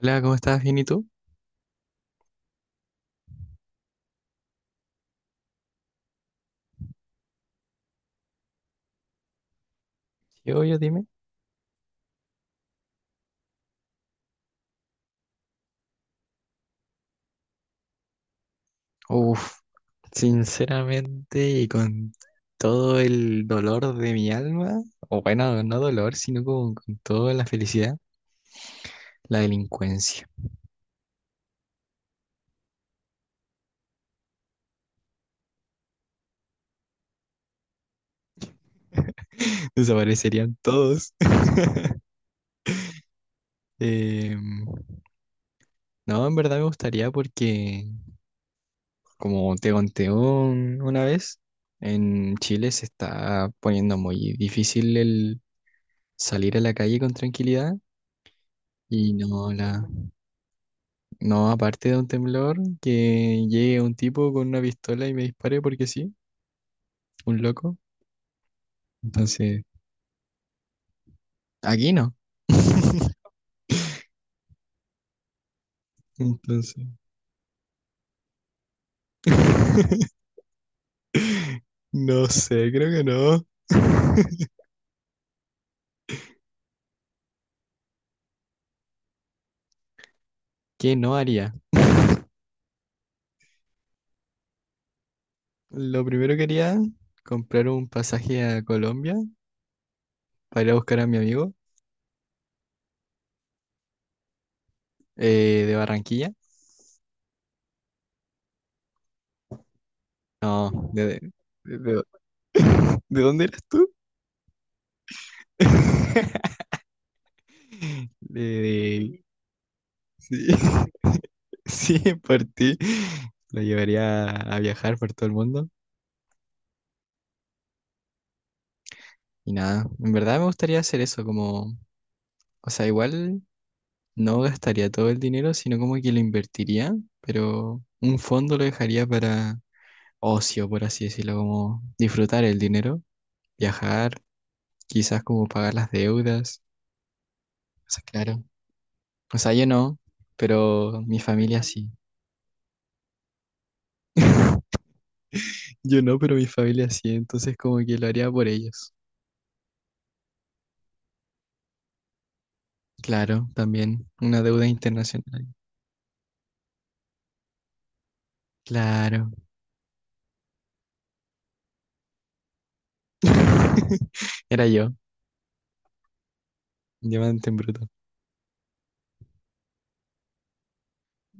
Hola, ¿cómo estás? ¿Bien y tú? Sí, obvio, dime. Uf, sinceramente y con todo el dolor de mi alma, o bueno, no dolor, sino como con toda la felicidad, la delincuencia. Desaparecerían todos. Em, no, en verdad me gustaría porque, como te conté una vez, en Chile se está poniendo muy difícil el salir a la calle con tranquilidad y no la... No, aparte de un temblor, que llegue un tipo con una pistola y me dispare porque sí, un loco. Entonces, aquí no. Entonces, no sé, creo que no. ¿Qué no haría? Lo primero que haría, comprar un pasaje a Colombia para ir a buscar a mi amigo, de Barranquilla. No, de- de- ¿de dónde eras tú? De, de- sí. Sí, por ti. Lo llevaría a viajar por todo el mundo. Y nada, en verdad me gustaría hacer eso, como, o sea, igual no gastaría todo el dinero, sino como que lo invertiría, pero un fondo lo dejaría para ocio, por así decirlo, como disfrutar el dinero, viajar, quizás como pagar las deudas. O sea, claro. O sea, yo no, pero mi familia sí. Yo no, pero mi familia sí, entonces como que lo haría por ellos. Claro, también una deuda internacional. Claro. Era yo, diamante en bruto.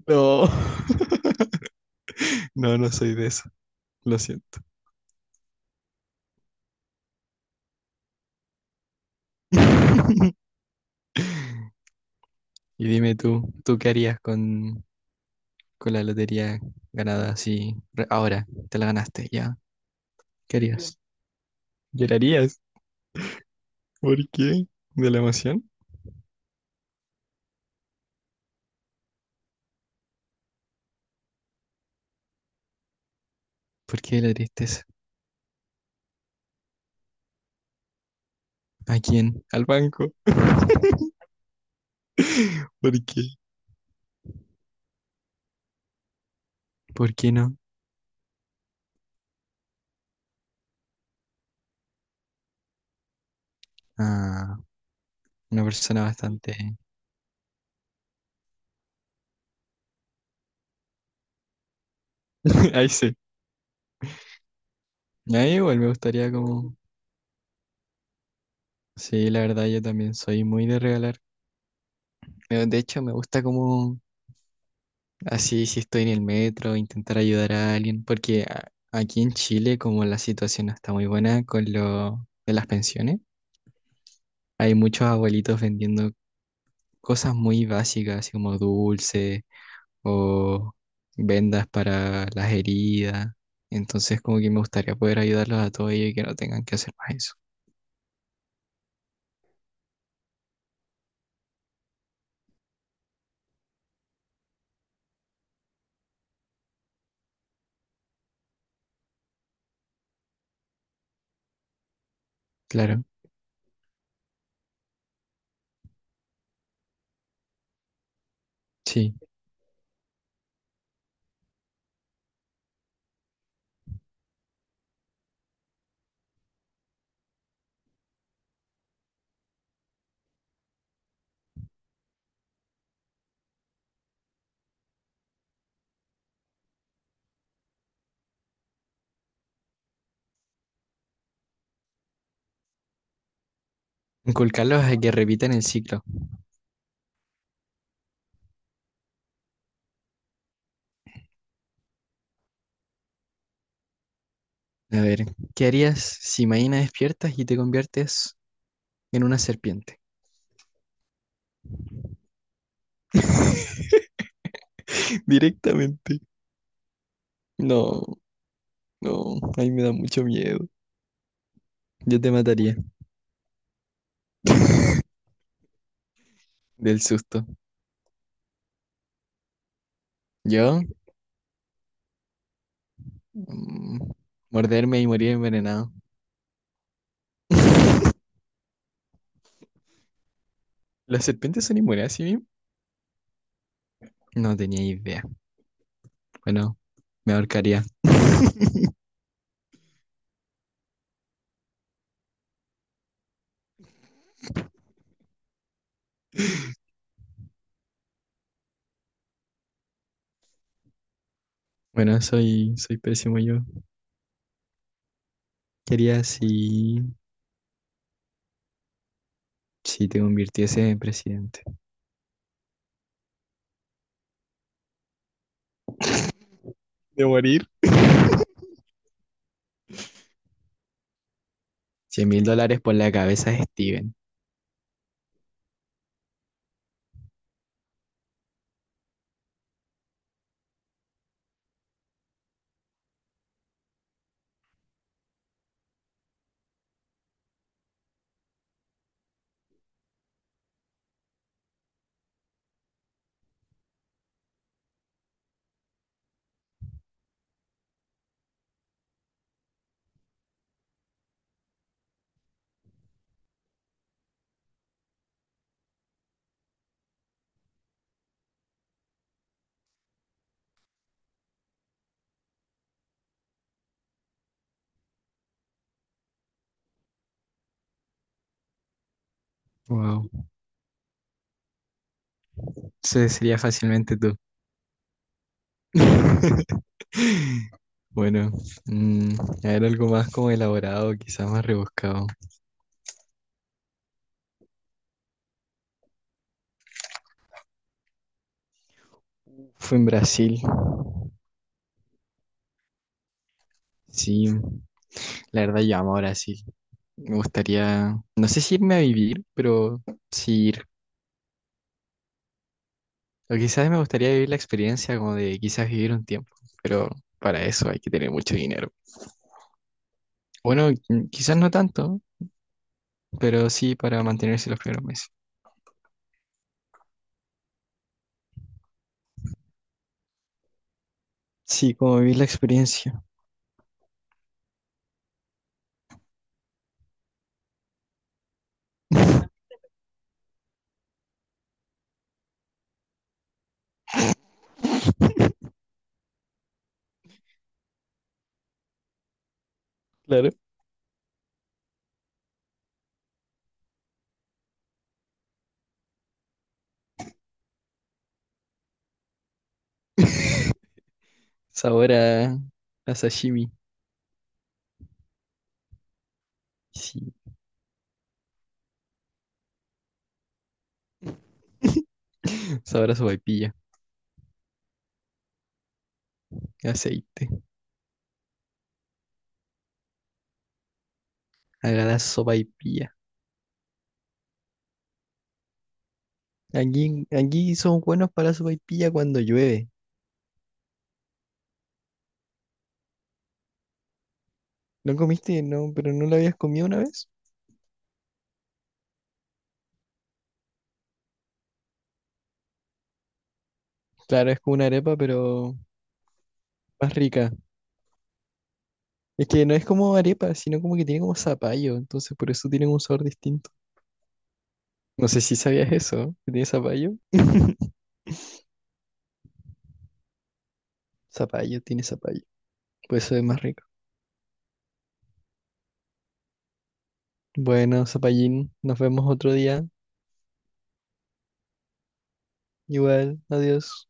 No. No, no soy de eso, lo siento. Y dime tú, ¿tú qué harías con la lotería ganada así ahora? Te la ganaste, ya. ¿Qué harías? ¿Llorarías? ¿Por qué? ¿De la emoción? ¿Por qué la tristeza? ¿A quién? ¿Al banco? ¿Por qué? ¿Por qué no? Ah, una persona bastante... Ahí sí. A mí igual me gustaría como... Sí, la verdad yo también soy muy de regalar. De hecho, me gusta como así si estoy en el metro, intentar ayudar a alguien, porque aquí en Chile como la situación no está muy buena con lo de las pensiones, hay muchos abuelitos vendiendo cosas muy básicas, así como dulces o vendas para las heridas. Entonces, como que me gustaría poder ayudarlos a todos ellos y que no tengan que hacer más eso. Claro, sí. Inculcarlos a que repitan el ciclo. A ver, ¿qué harías si mañana despiertas y te conviertes en una serpiente? Directamente. No, no, ahí me da mucho miedo. Yo te mataría del susto. Yo, mm, morderme y morir envenenado. ¿Las serpientes son inmunes a sí mismas? No tenía idea. Bueno, me ahorcaría. Bueno, soy pésimo yo. Quería si, si te convirtiese en presidente. ¿De morir? $100.000 por la cabeza de Steven. Wow. Ese sería fácilmente tú. Bueno, mm, a ver algo más como elaborado, quizás más rebuscado. Fue en Brasil. Sí, la verdad yo amo Brasil. Me gustaría, no sé si irme a vivir, pero sí ir. O quizás me gustaría vivir la experiencia como de quizás vivir un tiempo, pero para eso hay que tener mucho dinero. Bueno, quizás no tanto, pero sí para mantenerse los primeros meses. Sí, como vivir la experiencia. Claro. Sabor a sashimi. Sí. Sabrá sopaipilla, aceite. Haga la sopaipilla. Aquí, aquí son buenos para la sopaipilla cuando llueve. ¿No comiste? No, pero no la habías comido una vez. Claro, es como una arepa, pero más rica. Es que no es como arepa, sino como que tiene como zapallo, entonces por eso tienen un sabor distinto. No sé si sabías eso, que tiene zapallo. Zapallo, tiene zapallo. Por eso es más rico. Bueno, zapallín, nos vemos otro día. Igual, adiós.